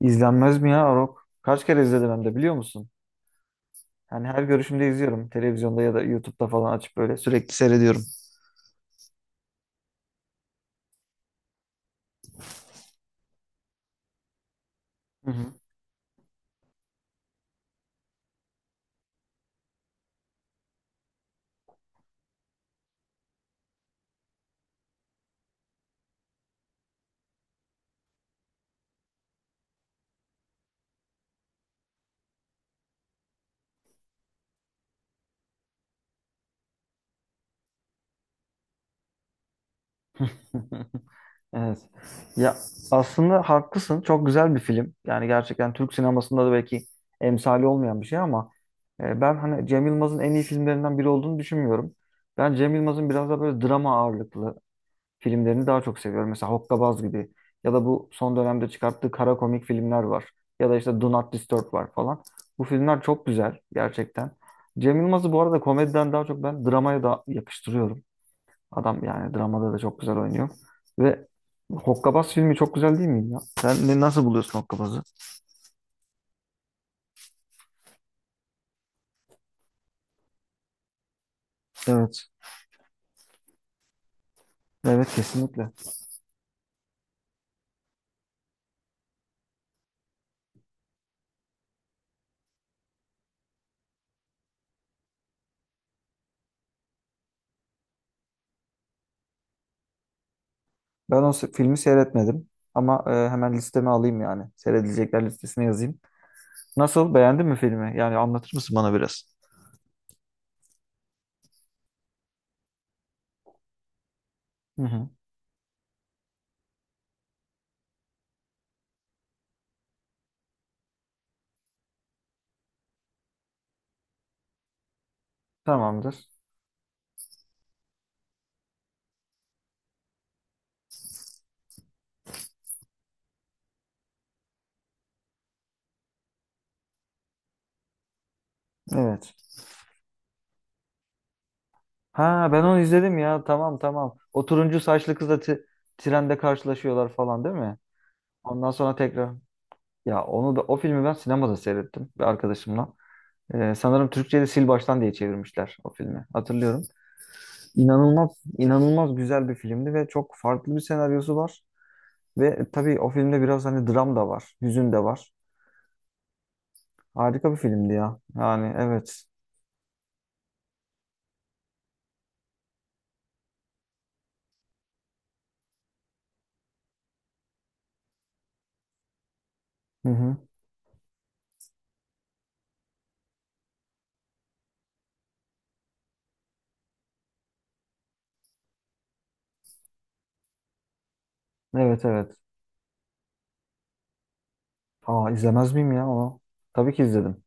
İzlenmez mi ya Arok? Kaç kere izledim hem de biliyor musun? Yani her görüşümde izliyorum. Televizyonda ya da YouTube'da falan açıp böyle sürekli seyrediyorum. Hı hı. Evet. Ya aslında haklısın. Çok güzel bir film. Yani gerçekten Türk sinemasında da belki emsali olmayan bir şey ama ben hani Cem Yılmaz'ın en iyi filmlerinden biri olduğunu düşünmüyorum. Ben Cem Yılmaz'ın biraz da böyle drama ağırlıklı filmlerini daha çok seviyorum. Mesela Hokkabaz gibi ya da bu son dönemde çıkarttığı kara komik filmler var. Ya da işte Do Not Disturb var falan. Bu filmler çok güzel gerçekten. Cem Yılmaz'ı bu arada komediden daha çok ben dramaya da yakıştırıyorum. Adam yani dramada da çok güzel oynuyor. Ve Hokkabaz filmi çok güzel değil mi ya? Sen ne, nasıl buluyorsun Hokkabaz'ı? Evet. Evet kesinlikle. Filmi seyretmedim ama hemen listeme alayım yani. Seyredilecekler listesine yazayım. Nasıl? Beğendin mi filmi? Yani anlatır mısın bana biraz? Hı hı. Tamamdır. Evet. Ha ben onu izledim ya. Tamam tamam. O turuncu saçlı kızla ti- trende karşılaşıyorlar falan değil mi? Ondan sonra tekrar. Ya onu da o filmi ben sinemada seyrettim bir arkadaşımla. Sanırım Türkçe'de Sil Baştan diye çevirmişler o filmi. Hatırlıyorum. İnanılmaz inanılmaz güzel bir filmdi ve çok farklı bir senaryosu var. Ve tabii o filmde biraz hani dram da var, hüzün de var. Harika bir filmdi ya. Yani evet. Hı hı. Evet evet. Aa izlemez miyim ya onu? Tabii ki izledim.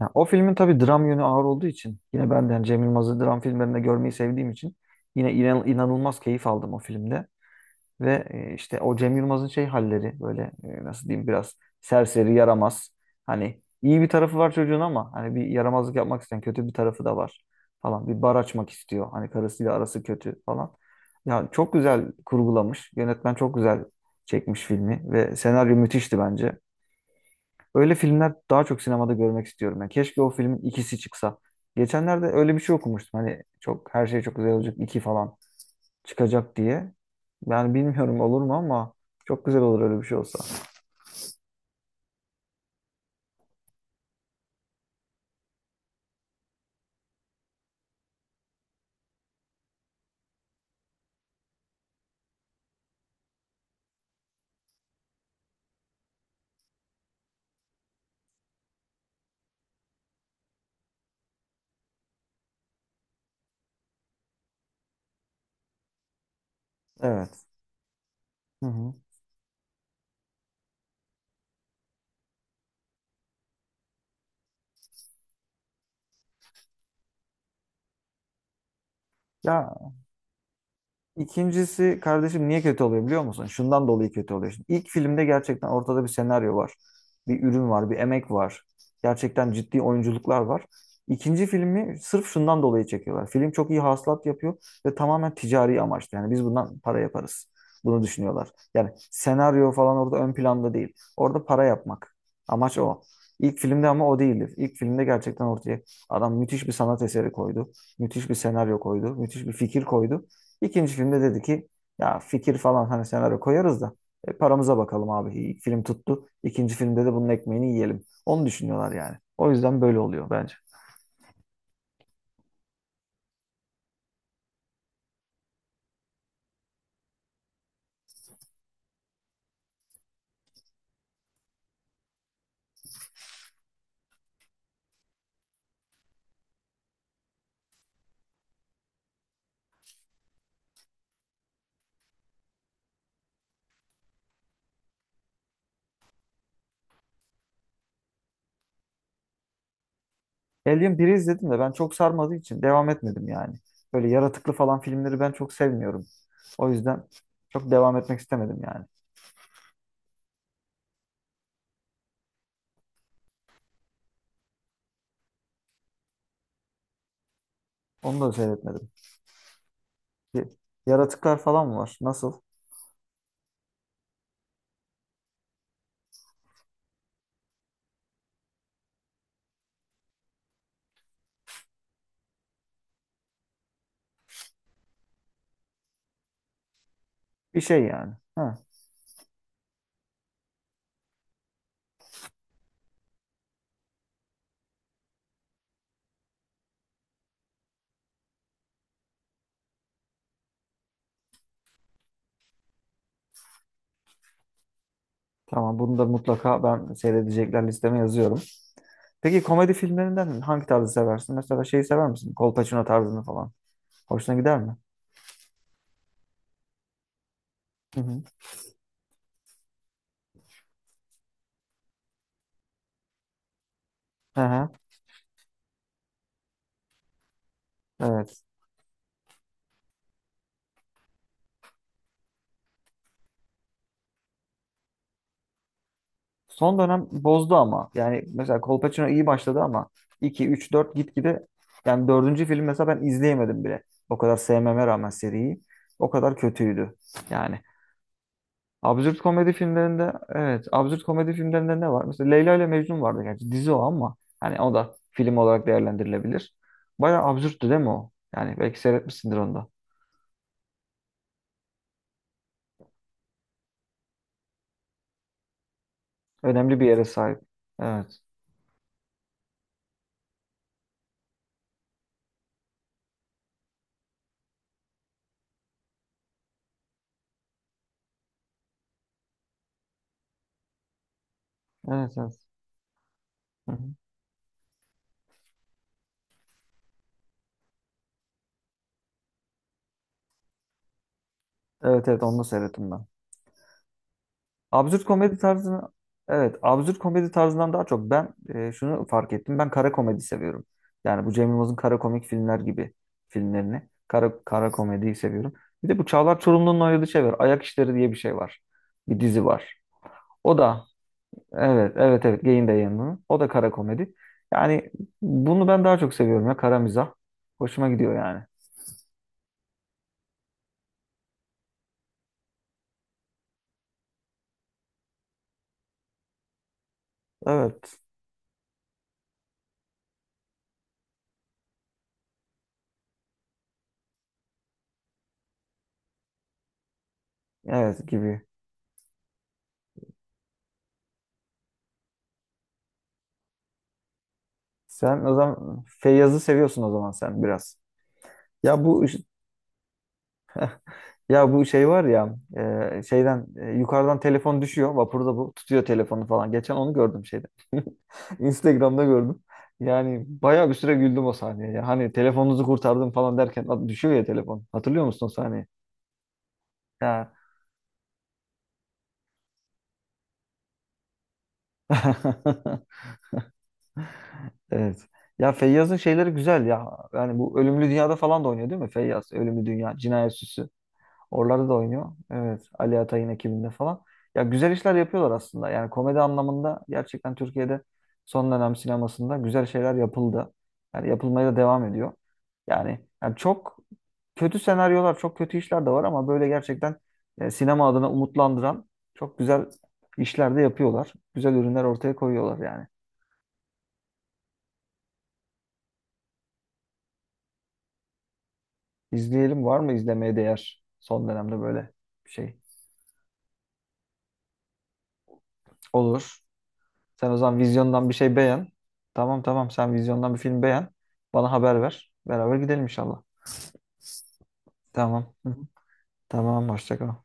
Ya, o filmin tabii dram yönü ağır olduğu için yine ben de yani Cem Yılmaz'ı dram filmlerinde görmeyi sevdiğim için yine inanılmaz keyif aldım o filmde. Ve işte o Cem Yılmaz'ın şey halleri böyle nasıl diyeyim biraz serseri yaramaz. Hani iyi bir tarafı var çocuğun ama hani bir yaramazlık yapmak isteyen kötü bir tarafı da var falan. Bir bar açmak istiyor. Hani karısıyla arası kötü falan. Ya çok güzel kurgulamış. Yönetmen çok güzel çekmiş filmi ve senaryo müthişti bence. Öyle filmler daha çok sinemada görmek istiyorum. Yani keşke o filmin ikisi çıksa. Geçenlerde öyle bir şey okumuştum. Hani çok her şey çok güzel olacak iki falan çıkacak diye. Yani bilmiyorum olur mu ama çok güzel olur öyle bir şey olsa. Evet. Hı hı. Ya, İkincisi kardeşim niye kötü oluyor biliyor musun? Şundan dolayı kötü oluyor. Şimdi ilk filmde gerçekten ortada bir senaryo var. Bir ürün var, bir emek var. Gerçekten ciddi oyunculuklar var. İkinci filmi sırf şundan dolayı çekiyorlar. Film çok iyi hasılat yapıyor ve tamamen ticari amaçlı. Yani biz bundan para yaparız. Bunu düşünüyorlar. Yani senaryo falan orada ön planda değil. Orada para yapmak. Amaç o. İlk filmde ama o değildi. İlk filmde gerçekten ortaya adam müthiş bir sanat eseri koydu. Müthiş bir senaryo koydu. Müthiş bir fikir koydu. İkinci filmde dedi ki ya fikir falan hani senaryo koyarız da paramıza bakalım abi. İlk film tuttu. İkinci filmde de bunun ekmeğini yiyelim. Onu düşünüyorlar yani. O yüzden böyle oluyor bence. Alien biri izledim de ben çok sarmadığı için devam etmedim yani. Böyle yaratıklı falan filmleri ben çok sevmiyorum. O yüzden çok devam etmek istemedim yani. Onu da seyretmedim. Bir- yaratıklar falan mı var? Nasıl? Bir şey yani. Ha, tamam bunu da mutlaka ben seyredecekler listeme yazıyorum. Peki komedi filmlerinden hangi tarzı seversin? Mesela şeyi sever misin? Kolpaçino tarzını falan. Hoşuna gider mi? Hı hı. Hı hı. Evet. Son dönem bozdu ama. Yani mesela Kolpaçino iyi başladı ama 2, 3, 4 gitgide yani dördüncü film mesela ben izleyemedim bile. O kadar sevmeme rağmen seriyi. O kadar kötüydü. Yani. Absürt komedi filmlerinde evet. Absürt komedi filmlerinde ne var? Mesela Leyla ile Mecnun vardı gerçi. Dizi o ama. Hani o da film olarak değerlendirilebilir. Bayağı absürttü değil mi o? Yani belki seyretmişsindir onu da. Önemli bir yere sahip. Evet. Evet, evet. Hı hı. Evet, evet onu da seyrettim ben. Absürt komedi tarzını evet, absürt komedi tarzından daha çok ben şunu fark ettim. Ben kara komedi seviyorum. Yani bu Cem Yılmaz'ın kara komik filmler gibi filmlerini. Kara komediyi seviyorum. Bir de bu Çağlar Çorumlu'nun oynadığı şey var. Ayak İşleri diye bir şey var. Bir dizi var. O da evet, evet, evet. Geyin de yanının. O da kara komedi. Yani bunu ben daha çok seviyorum ya. Kara mizah. Hoşuma gidiyor yani. Evet, evet gibi. Sen o zaman Feyyaz'ı seviyorsun o zaman sen biraz. Ya bu ya bu şey var ya şeyden yukarıdan telefon düşüyor. Vapurda bu tutuyor telefonu falan. Geçen onu gördüm şeyde. Instagram'da gördüm. Yani bayağı bir süre güldüm o sahneye, ya. Hani telefonunuzu kurtardım falan derken at- düşüyor ya telefon. Hatırlıyor musun o sahneyi? Ya. Evet. Ya Feyyaz'ın şeyleri güzel ya. Yani bu Ölümlü Dünya'da falan da oynuyor değil mi Feyyaz? Ölümlü Dünya, Cinayet Süsü. Oralarda da oynuyor. Evet. Ali Atay'ın ekibinde falan. Ya güzel işler yapıyorlar aslında. Yani komedi anlamında gerçekten Türkiye'de son dönem sinemasında güzel şeyler yapıldı. Yani yapılmaya da devam ediyor. Yani çok kötü senaryolar, çok kötü işler de var ama böyle gerçekten sinema adına umutlandıran çok güzel işler de yapıyorlar. Güzel ürünler ortaya koyuyorlar yani. İzleyelim, var mı izlemeye değer son dönemde böyle bir şey? Olur. Sen o zaman vizyondan bir şey beğen. Tamam sen vizyondan bir film beğen. Bana haber ver. Beraber gidelim inşallah. Tamam. Hı hı. Tamam, hoşça kal.